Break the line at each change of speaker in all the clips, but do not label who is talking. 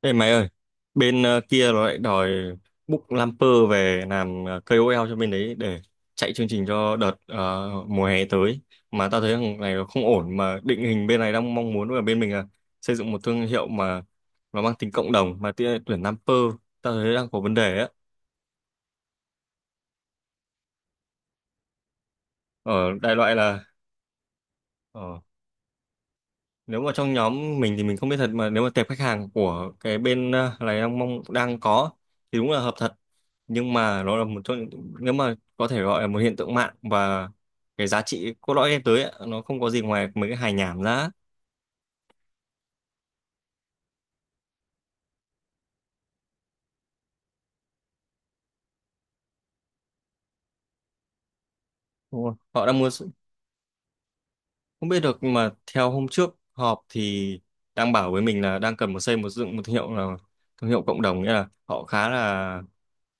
Ê mày ơi, bên kia nó lại đòi book Lamper về làm KOL cho bên đấy để chạy chương trình cho đợt mùa hè tới. Mà tao thấy thằng này nó không ổn, mà định hình bên này đang mong muốn ở bên mình là xây dựng một thương hiệu mà nó mang tính cộng đồng, mà tuyển Lamper tao thấy đang có vấn đề á. Ở, đại loại là ờ, nếu mà trong nhóm mình thì mình không biết thật, mà nếu mà tệp khách hàng của cái bên này đang mong đang có thì đúng là hợp thật. Nhưng mà nó là nếu mà có thể gọi là một hiện tượng mạng, và cái giá trị cốt lõi đem tới ấy, nó không có gì ngoài mấy cái hài nhảm ra. Đúng rồi, họ đang mua. Không biết được, nhưng mà theo hôm trước họp thì đang bảo với mình là đang cần một xây một dựng một thương hiệu, là thương hiệu cộng đồng, nghĩa là họ khá là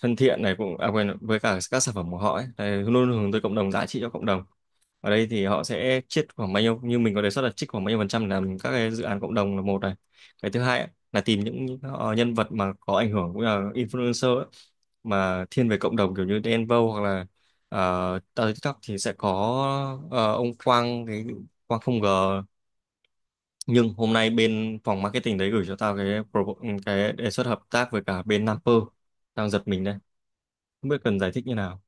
thân thiện này cũng à, quên với cả các sản phẩm của họ ấy. Đấy, luôn luôn hướng tới cộng đồng, giá trị cho cộng đồng. Ở đây thì họ sẽ chiết khoảng bao nhiêu, như mình có đề xuất là chiết khoảng bao nhiêu phần trăm để làm các cái dự án cộng đồng là một này. Cái thứ hai ấy, là tìm nhân vật mà có ảnh hưởng cũng là influencer ấy, mà thiên về cộng đồng kiểu như Đen Vâu, hoặc là TikTok thì sẽ có ông Quang, cái Quang không ngờ. Nhưng hôm nay bên phòng marketing đấy gửi cho tao cái cái đề xuất hợp tác với cả bên Naper, đang giật mình đây, không biết cần giải thích như nào.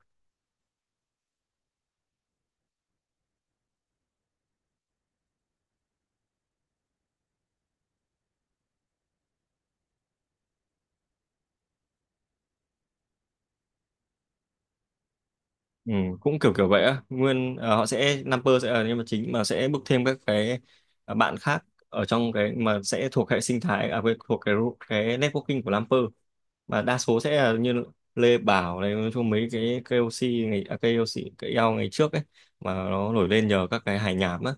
Ừ, cũng kiểu kiểu vậy á, nguyên họ sẽ Naper sẽ là nhân vật chính, mà sẽ bước thêm các cái bạn khác ở trong cái mà sẽ thuộc hệ sinh thái thuộc cái networking của Naper, mà đa số sẽ là như Lê Bảo này. Nói chung mấy cái KOC ngày KOC cái eo ngày trước ấy, mà nó nổi lên nhờ các cái hài nhảm á.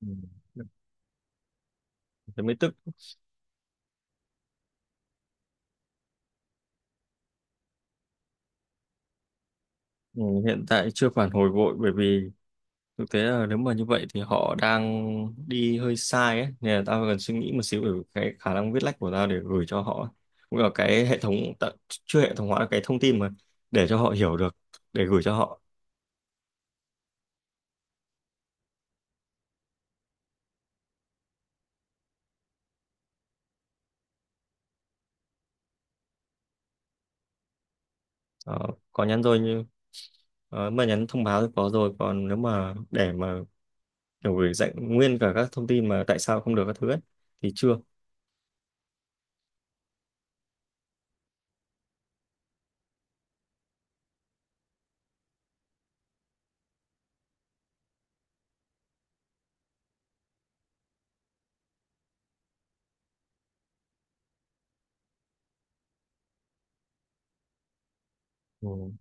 Ừ, thế mới tức. Ừ, hiện tại chưa phản hồi vội, bởi vì thực tế là nếu mà như vậy thì họ đang đi hơi sai ấy, nên là tao cần suy nghĩ một xíu về cái khả năng viết lách của tao để gửi cho họ, cũng là cái hệ thống chưa hệ thống hóa cái thông tin, mà để cho họ hiểu được, để gửi cho họ. Ờ, có nhắn rồi như mà nhắn thông báo thì có rồi, còn nếu mà để mà kiểu gửi dạy nguyên cả các thông tin mà tại sao không được các thứ ấy, thì chưa. Ừ.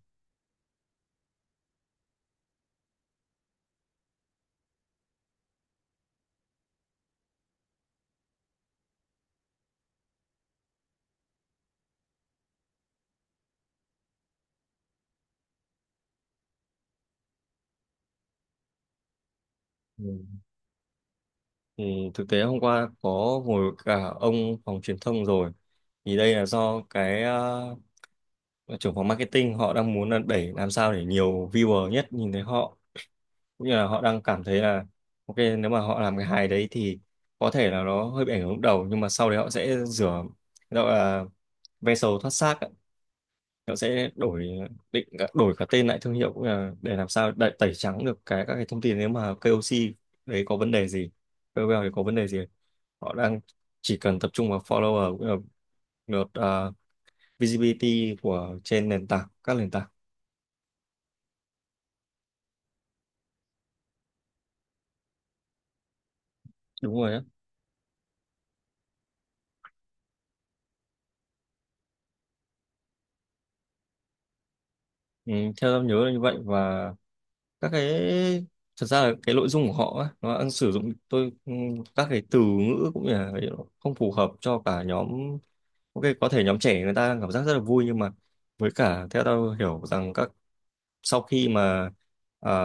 Ừ. Ừ, thực tế hôm qua có ngồi với cả ông phòng truyền thông rồi, thì đây là do cái trưởng phòng marketing họ đang muốn là đẩy làm sao để nhiều viewer nhất nhìn thấy họ. Cũng như là họ đang cảm thấy là ok, nếu mà họ làm cái hài đấy thì có thể là nó hơi bị ảnh hưởng lúc đầu, nhưng mà sau đấy họ sẽ rửa, gọi là ve sầu thoát xác. Nó sẽ đổi đổi cả tên lại thương hiệu, cũng là để làm sao đẩy, tẩy trắng được cái các cái thông tin nếu mà KOC đấy có vấn đề gì, KOL đấy có vấn đề gì. Họ đang chỉ cần tập trung vào follower, cũng là lượt à, visibility của trên nền tảng các nền tảng. Đúng rồi á. Ừ, theo em nhớ là như vậy. Và các cái, thật ra là cái nội dung của họ á, nó đang sử dụng tôi các cái từ ngữ cũng như là không phù hợp cho cả nhóm. Ok, có thể nhóm trẻ người ta đang cảm giác rất là vui, nhưng mà với cả theo tôi hiểu rằng các sau khi mà ờ,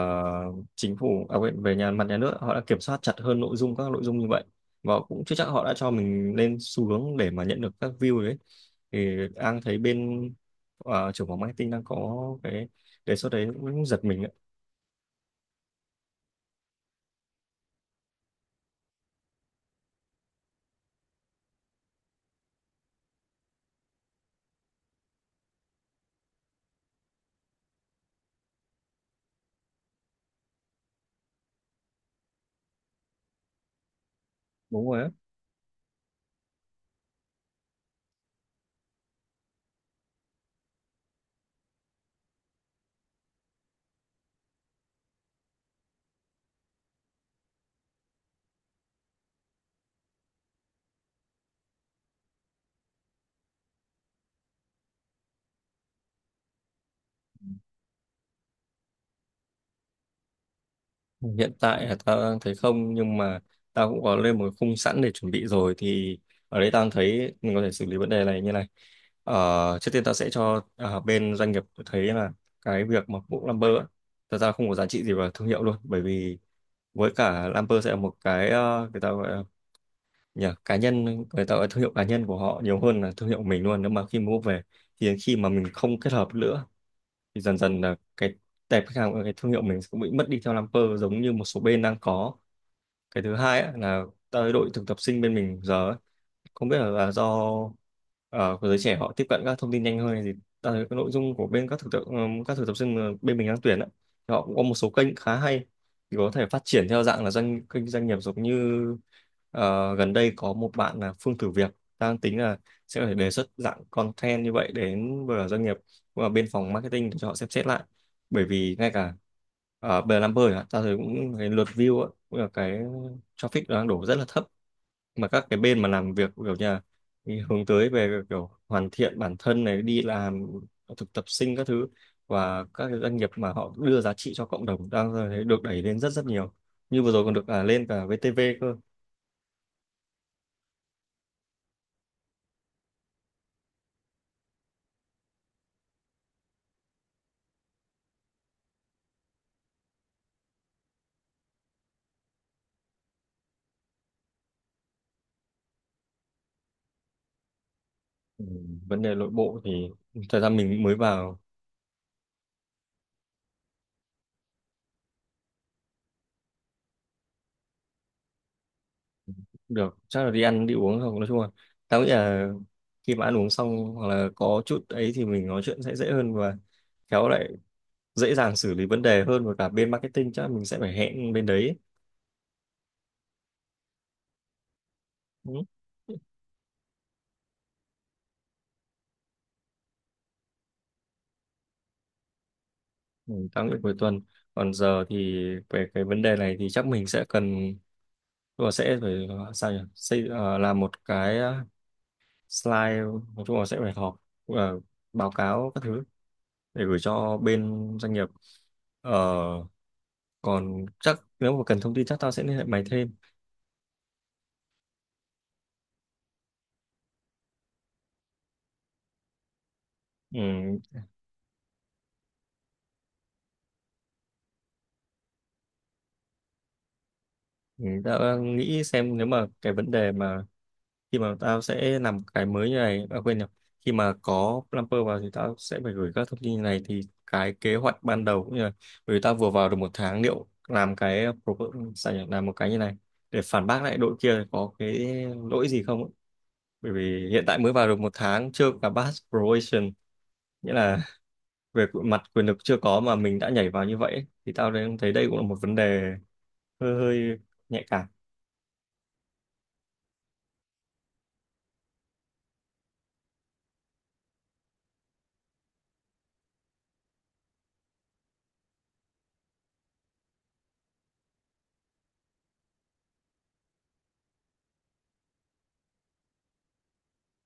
chính phủ về nhà nước họ đã kiểm soát chặt hơn nội dung các nội dung như vậy, và cũng chưa chắc họ đã cho mình lên xu hướng để mà nhận được các view đấy. Thì đang thấy bên trưởng phòng marketing đang có cái đề xuất đấy cũng giật mình. Đúng rồi á. Hiện tại là tao đang thấy không, nhưng mà tao cũng có lên một cái khung sẵn để chuẩn bị rồi. Thì ở đây tao thấy mình có thể xử lý vấn đề này như này: trước tiên tao sẽ cho bên doanh nghiệp thấy là cái việc mà bộ Lamper á, thật ra không có giá trị gì vào thương hiệu luôn. Bởi vì với cả Lamper sẽ là một cái người ta gọi là, nhỉ, cá nhân, người ta gọi là thương hiệu cá nhân của họ nhiều hơn là thương hiệu của mình luôn. Nếu mà khi mua về thì khi mà mình không kết hợp nữa thì dần dần là cái tệp khách hàng, cái thương hiệu mình cũng bị mất đi theo Lamper, giống như một số bên đang có. Cái thứ hai á, là tới đội thực tập sinh bên mình giờ ấy, không biết là do ờ, của giới trẻ họ tiếp cận các thông tin nhanh hơn hay gì, ta thấy cái nội dung của bên các thực tập sinh mà bên mình đang tuyển á, thì họ cũng có một số kênh khá hay. Thì có thể phát triển theo dạng là kênh doanh nghiệp, giống như gần đây có một bạn là Phương thử việc, đang tính là sẽ có thể đề xuất dạng content như vậy đến với doanh nghiệp và bên phòng marketing để cho họ xem xét lại. Bởi vì ngay cả ở bờ Lamper, ta thấy cũng cái lượt view á, cũng là cái traffic đang đổ rất là thấp. Mà các cái bên mà làm việc kiểu nhà hướng tới về kiểu hoàn thiện bản thân này, đi làm thực tập sinh các thứ, và các cái doanh nghiệp mà họ đưa giá trị cho cộng đồng đang thấy được đẩy lên rất rất nhiều, như vừa rồi còn được lên cả VTV cơ. Ừ, vấn đề nội bộ thì thời gian mình mới vào được, chắc là đi ăn đi uống không. Nói chung là tao nghĩ là khi mà ăn uống xong, hoặc là có chút ấy, thì mình nói chuyện sẽ dễ hơn và khéo lại dễ dàng xử lý vấn đề hơn. Và cả bên marketing chắc là mình sẽ phải hẹn bên đấy. Ừ. Ừ, tăng đến cuối tuần. Còn giờ thì về cái vấn đề này thì chắc mình sẽ cần, tức là sẽ phải sao nhỉ, làm một cái slide, nói chung là sẽ phải họp ờ, báo cáo các thứ để gửi cho bên doanh nghiệp. Ờ, còn chắc nếu mà cần thông tin chắc tao sẽ liên hệ mày thêm. Ừ, mình đã nghĩ xem nếu mà cái vấn đề mà khi mà tao sẽ làm cái mới như này, à, quên nhầm khi mà có Plumper vào thì tao sẽ phải gửi các thông tin như này. Thì cái kế hoạch ban đầu cũng như là, bởi vì tao vừa vào được một tháng, liệu làm cái sao nhỉ? Làm một cái như này để phản bác lại đội kia có cái lỗi gì không ấy. Bởi vì hiện tại mới vào được một tháng, chưa cả pass probation, nghĩa là về mặt quyền lực chưa có mà mình đã nhảy vào như vậy ấy. Thì tao đang thấy đây cũng là một vấn đề hơi hơi nhạy cảm.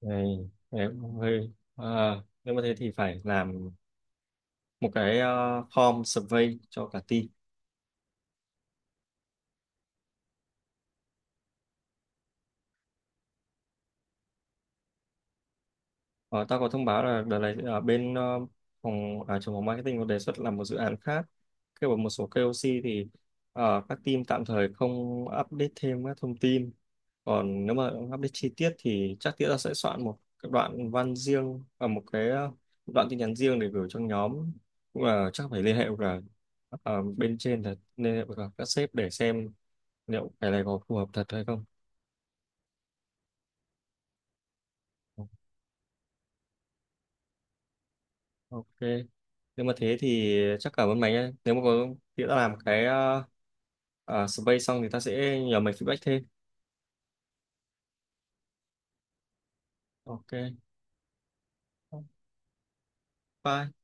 Này, đấy, hơi à, nếu mà thế thì phải làm một cái form survey cho cả team. Ờ, tao có thông báo là đợt này ở bên trưởng phòng marketing có đề xuất làm một dự án khác, kêu bằng một số KOC. Thì các team tạm thời không update thêm các thông tin, còn nếu mà update chi tiết thì chắc tiết là sẽ soạn một cái đoạn văn riêng và một cái đoạn tin nhắn riêng để gửi cho nhóm. Cũng là chắc phải liên hệ với cả bên trên thật, liên hệ với cả các sếp để xem liệu cái này có phù hợp thật hay không. Ờ, ok, nếu mà thế thì chắc cảm ơn mày nhé. Nếu mà có khi đã làm cái survey xong thì ta sẽ nhờ mày feedback thêm. Ok, bye.